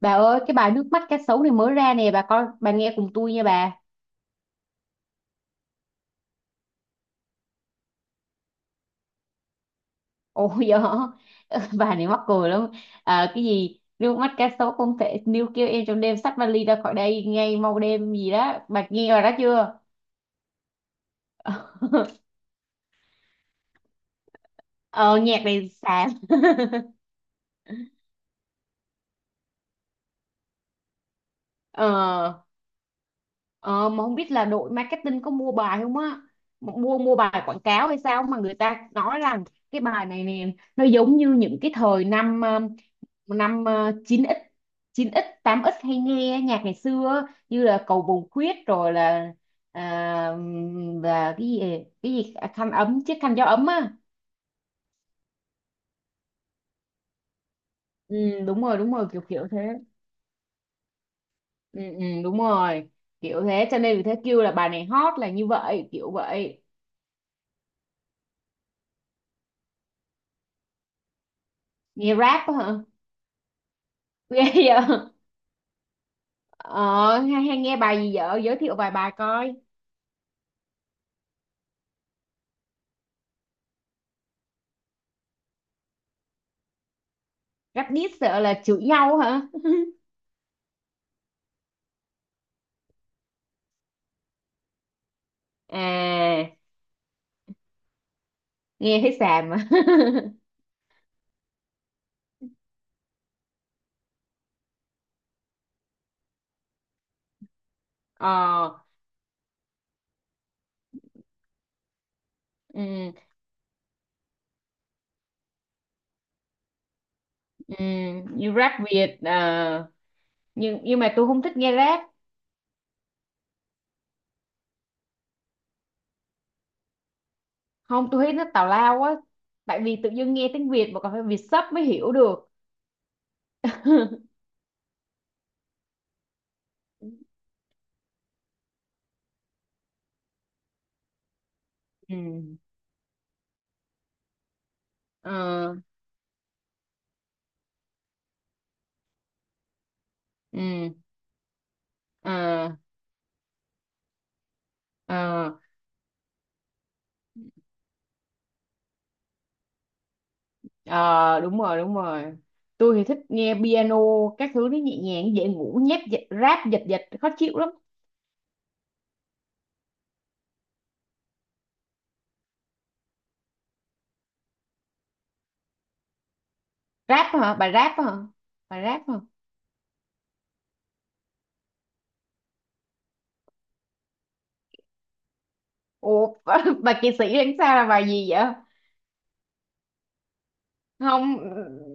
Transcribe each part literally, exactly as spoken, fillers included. Bà ơi, cái bài nước mắt cá sấu này mới ra nè, bà coi, bà nghe cùng tôi nha bà. Ôi giời, bà này mắc cười lắm. À, cái gì, nước mắt cá sấu không thể, níu kêu em trong đêm xách vali ra khỏi đây, ngay mau đêm gì đó. Bà nghe rồi đó chưa? Ờ, nhạc này xàm. Ờ, ờ, mà không biết là đội marketing có mua bài không á. Mua mua bài quảng cáo hay sao mà người ta nói rằng cái bài này nè, nó giống như những cái thời năm um, năm ờ, chín x chín x tám x hay nghe nhạc ngày xưa á, như là Cầu Vồng Khuyết rồi là à, ừm, và cái gì cái gì à, khăn ấm chiếc khăn gió ấm á. Ừ, đúng rồi, đúng rồi, kiểu kiểu thế. Ừ, ừ, đúng rồi, kiểu thế cho nên vì thế kêu là bài này hot là như vậy, kiểu vậy. Nghe rap á hả? Ghê vậy. Ờ, hay, hay nghe bài gì vợ giới thiệu vài bài coi. Rap diss sợ là chửi nhau hả? À, nghe thấy xàm mà. Ờ. Ừ. Ừm, như rap Việt à, nhưng nhưng mà tôi không thích nghe rap. Không, tôi thấy nó tào lao quá, tại vì tự dưng nghe tiếng Việt mà còn phải Việt sub mới hiểu được. Ừ, ờ, ừ, ờ, ờ, ờ, đúng rồi, đúng rồi. Tôi thì thích nghe piano các thứ, nó nhẹ nhàng dễ ngủ, nhép dệt- rap giật giật khó chịu lắm. Rap hả bà, rap hả? Bà rap hả? Ủa, bà kỳ sĩ đánh sao là bài gì vậy? Không.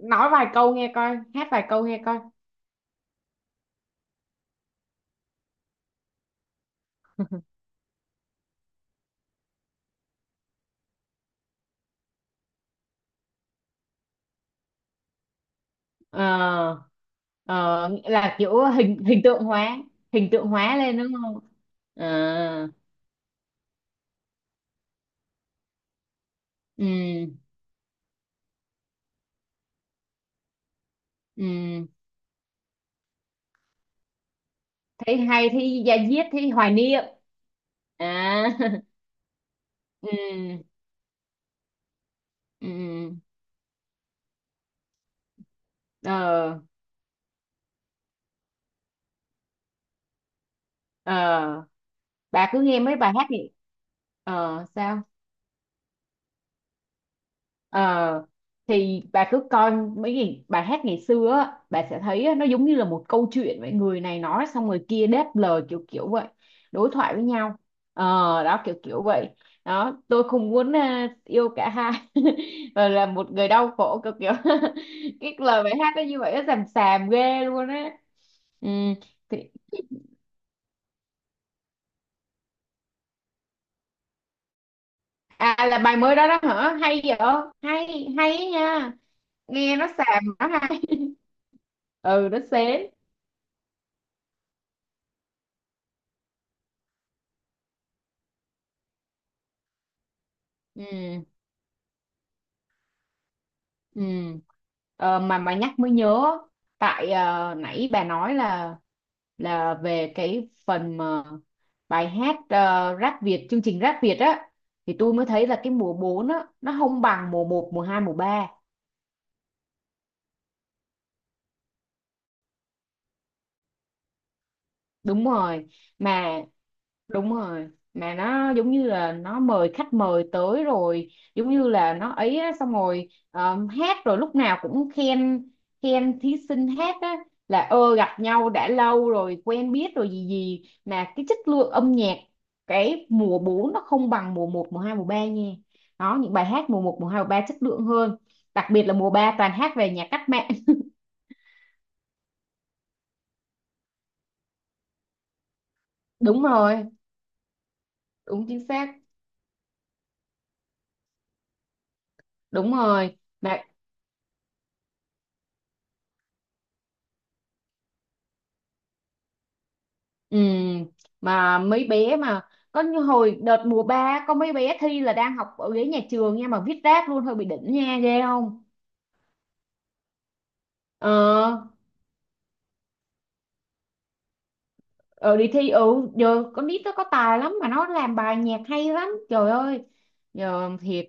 Nói vài câu nghe coi, hát vài câu nghe coi. Ờ. Ờ, nghĩa là kiểu hình hình tượng hóa, hình tượng hóa lên đúng không? Ờ. Ừ. Ừ, thấy hay, thấy da diết, thấy hoài niệm. À, ừ. Ừ. Ờ. Ờ, bà cứ nghe mấy bài hát thì ờ, sao. Ờ, thì bà cứ coi mấy cái bài hát ngày xưa á, bà sẽ thấy á, nó giống như là một câu chuyện vậy, người này nói xong người kia đáp lời, kiểu kiểu vậy. Đối thoại với nhau. Ờ. Đó kiểu kiểu vậy. Đó tôi không muốn à, yêu cả hai và là một người đau khổ, kiểu kiểu cái lời bài hát nó như vậy, nó xàm xàm ghê luôn á. Ừ, thì, à, là bài mới đó đó hả, hay vậy. Hay, hay á nha. Nghe nó xàm nó hay. Ừ, nó sến. Ừ. Ừ. Ờ, mà mà nhắc mới nhớ, tại ờ, nãy bà nói là là về cái phần mà bài hát uh, Rap Việt, chương trình Rap Việt á, thì tôi mới thấy là cái mùa bốn á nó không bằng mùa một mùa hai mùa ba. Đúng rồi. Mà đúng rồi, mà nó giống như là nó mời khách mời tới rồi, giống như là nó ấy á, xong rồi ờ, hát rồi lúc nào cũng khen, khen thí sinh hát á, là ơ gặp nhau đã lâu rồi quen biết rồi gì gì, mà cái chất lượng âm nhạc cái mùa bốn nó không bằng mùa một mùa hai mùa ba nha. Đó những bài hát mùa một mùa hai mùa ba chất lượng hơn, đặc biệt là mùa ba toàn hát về nhà cách mạng. Đúng rồi. Đúng chính xác. Đúng rồi mà. Ừ, mà mấy bé mà có như hồi đợt mùa ba có mấy bé thi là đang học ở ghế nhà trường nha, mà viết rác luôn, hơi bị đỉnh nha, ghê không. Ờ, ờ đi thi. Ừ, giờ con nít nó có tài lắm, mà nó làm bài nhạc hay lắm, trời ơi. Giờ thiệt.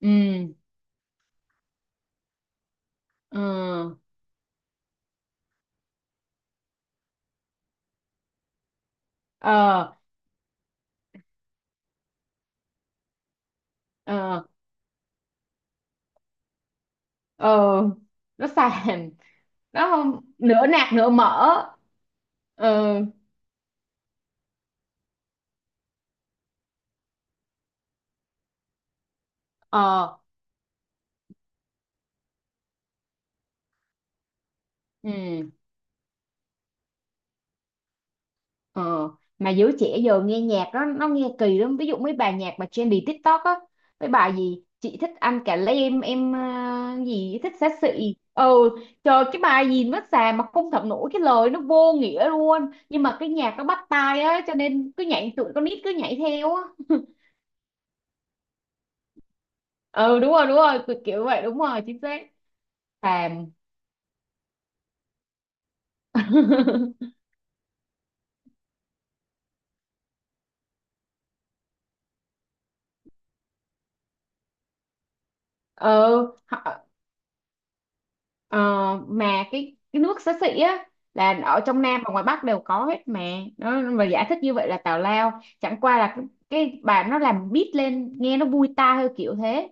Ừ. Ờ. Ờ. Ờ. Ờ. Nó sàn. Nó không nửa nạc nửa mỡ. Ừ. Ờ. Ừ. Ờ, mà giới trẻ giờ nghe nhạc đó nó nghe kỳ lắm, ví dụ mấy bài nhạc mà trendy TikTok á, mấy bài gì chị thích anh cả lấy em em à, gì thích xá xị ờ trời cái bài gì nó xàm mà không thẩm nổi, cái lời nó vô nghĩa luôn, nhưng mà cái nhạc nó bắt tai á, cho nên cứ nhảy, tụi con nít cứ nhảy theo á. Ừ, đúng rồi, đúng rồi, kiểu kiểu vậy, đúng rồi, chính xác. Xàm. Ờ. Ờ, mà cái cái nước xá xị á là ở trong Nam và ngoài Bắc đều có hết mà, nó mà giải thích như vậy là tào lao, chẳng qua là cái, cái bà nó làm beat lên nghe nó vui tai, hơi kiểu thế.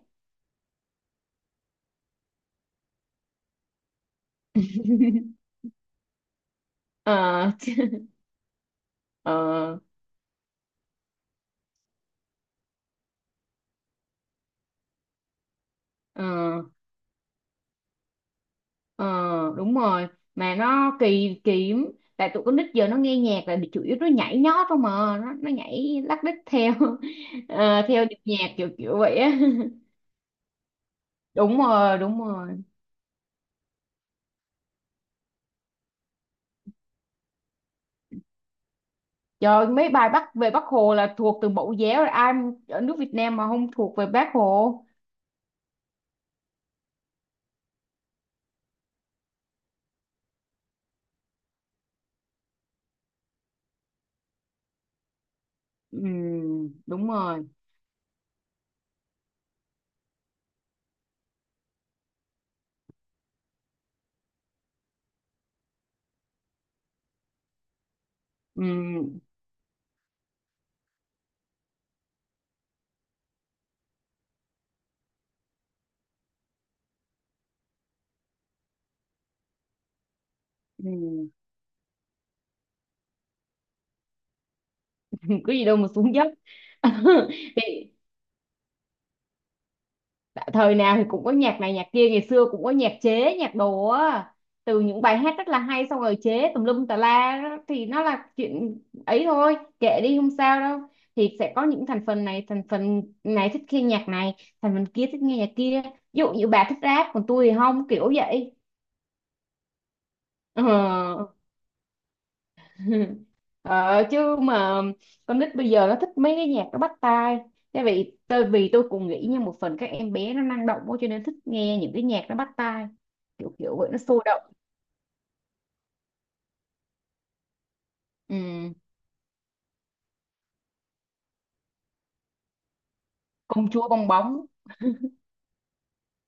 Ờ. Ờ. Ờ. Ờ, đúng rồi, mà nó kỳ kỳ lắm. Tại tụi con nít giờ nó nghe nhạc là chủ yếu nó nhảy nhót không mà, nó nó nhảy lắc đích theo ờ, theo nhịp nhạc kiểu kiểu vậy á. Đúng rồi, đúng rồi. Trời, mấy bài Bắc về Bác Hồ là thuộc từ mẫu giáo rồi, ai ở nước Việt Nam mà không thuộc về Bác Hồ. Ừ, đúng rồi. Ừ, ừ. Có gì đâu mà xuống dốc. Thì thời nào thì cũng có nhạc này nhạc kia, ngày xưa cũng có nhạc chế, nhạc đồ á. Từ những bài hát rất là hay xong rồi chế tùm lum tà la đó, thì nó là chuyện ấy thôi, kệ đi không sao đâu. Thì sẽ có những thành phần này, thành phần này thích nghe nhạc này, thành phần kia thích nghe nhạc kia. Ví dụ như bà thích rap còn tôi thì không, kiểu vậy. Ờ. Ờ, chứ mà con nít bây giờ nó thích mấy cái nhạc nó bắt tai, tại vì tại vì tôi cũng nghĩ như một phần các em bé nó năng động quá cho nên thích nghe những cái nhạc nó bắt tai, kiểu kiểu vậy nó sôi động. Ừ. Công chúa bong bóng.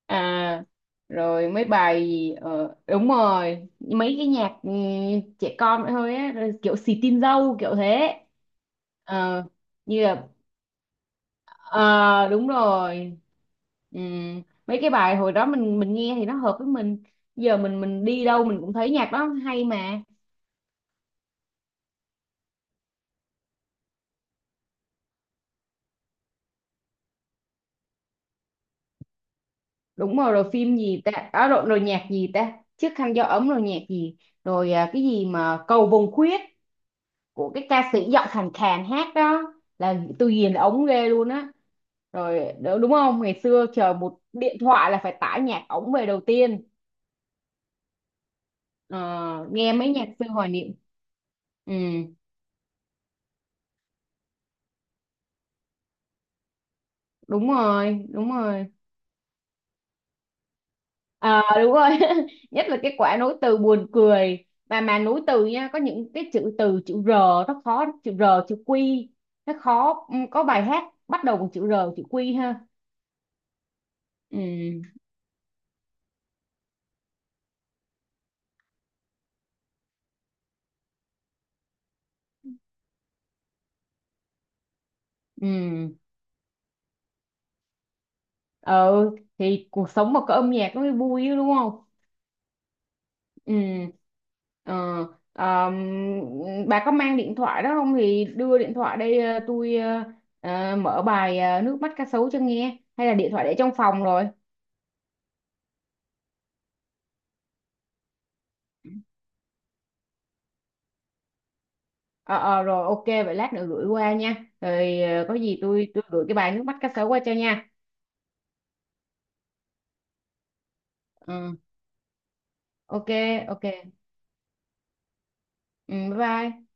À, rồi mấy bài gì, ờ, đúng rồi mấy cái nhạc ừ, trẻ con vậy thôi á, rồi kiểu xì tin dâu kiểu thế. Ờ, như là. Ờ đúng rồi. Ừ. Mấy cái bài hồi đó mình mình nghe thì nó hợp với mình, giờ mình mình đi đâu mình cũng thấy nhạc đó hay mà. Đúng rồi, rồi phim gì ta, à, rồi, rồi nhạc gì ta. Chiếc khăn gió ấm, rồi nhạc gì, rồi à, cái gì mà cầu vồng khuyết của cái ca sĩ giọng khàn khàn hát đó là tôi ghiền ống ghê luôn á. Rồi đ- đúng không, ngày xưa chờ một điện thoại là phải tải nhạc ống về đầu tiên. Ờ, nghe mấy nhạc xưa hoài niệm. Ừ, đúng rồi, đúng rồi. Ờ đúng rồi. Nhất là cái quả nối từ buồn cười, mà mà nối từ nha, có những cái chữ từ chữ R nó khó, chữ R chữ Q nó khó. Ừ, có bài hát bắt đầu bằng chữ R chữ Q ha. Ừ. Ừ. Ừ, thì cuộc sống mà có âm nhạc nó mới vui chứ, đúng không. Ừ. Ờ. ờm, bà có mang điện thoại đó không thì đưa điện thoại đây, ờ, tôi ờ, ờ, mở bài ờ, nước mắt cá sấu cho nghe, hay là điện thoại để trong phòng rồi. Ờ, ờ, rồi ok, vậy lát nữa gửi qua nha. Rồi ờ, có gì tôi tôi gửi cái bài nước mắt cá sấu qua cho nha. Ừ, ok, ok. Ừ, bye bye.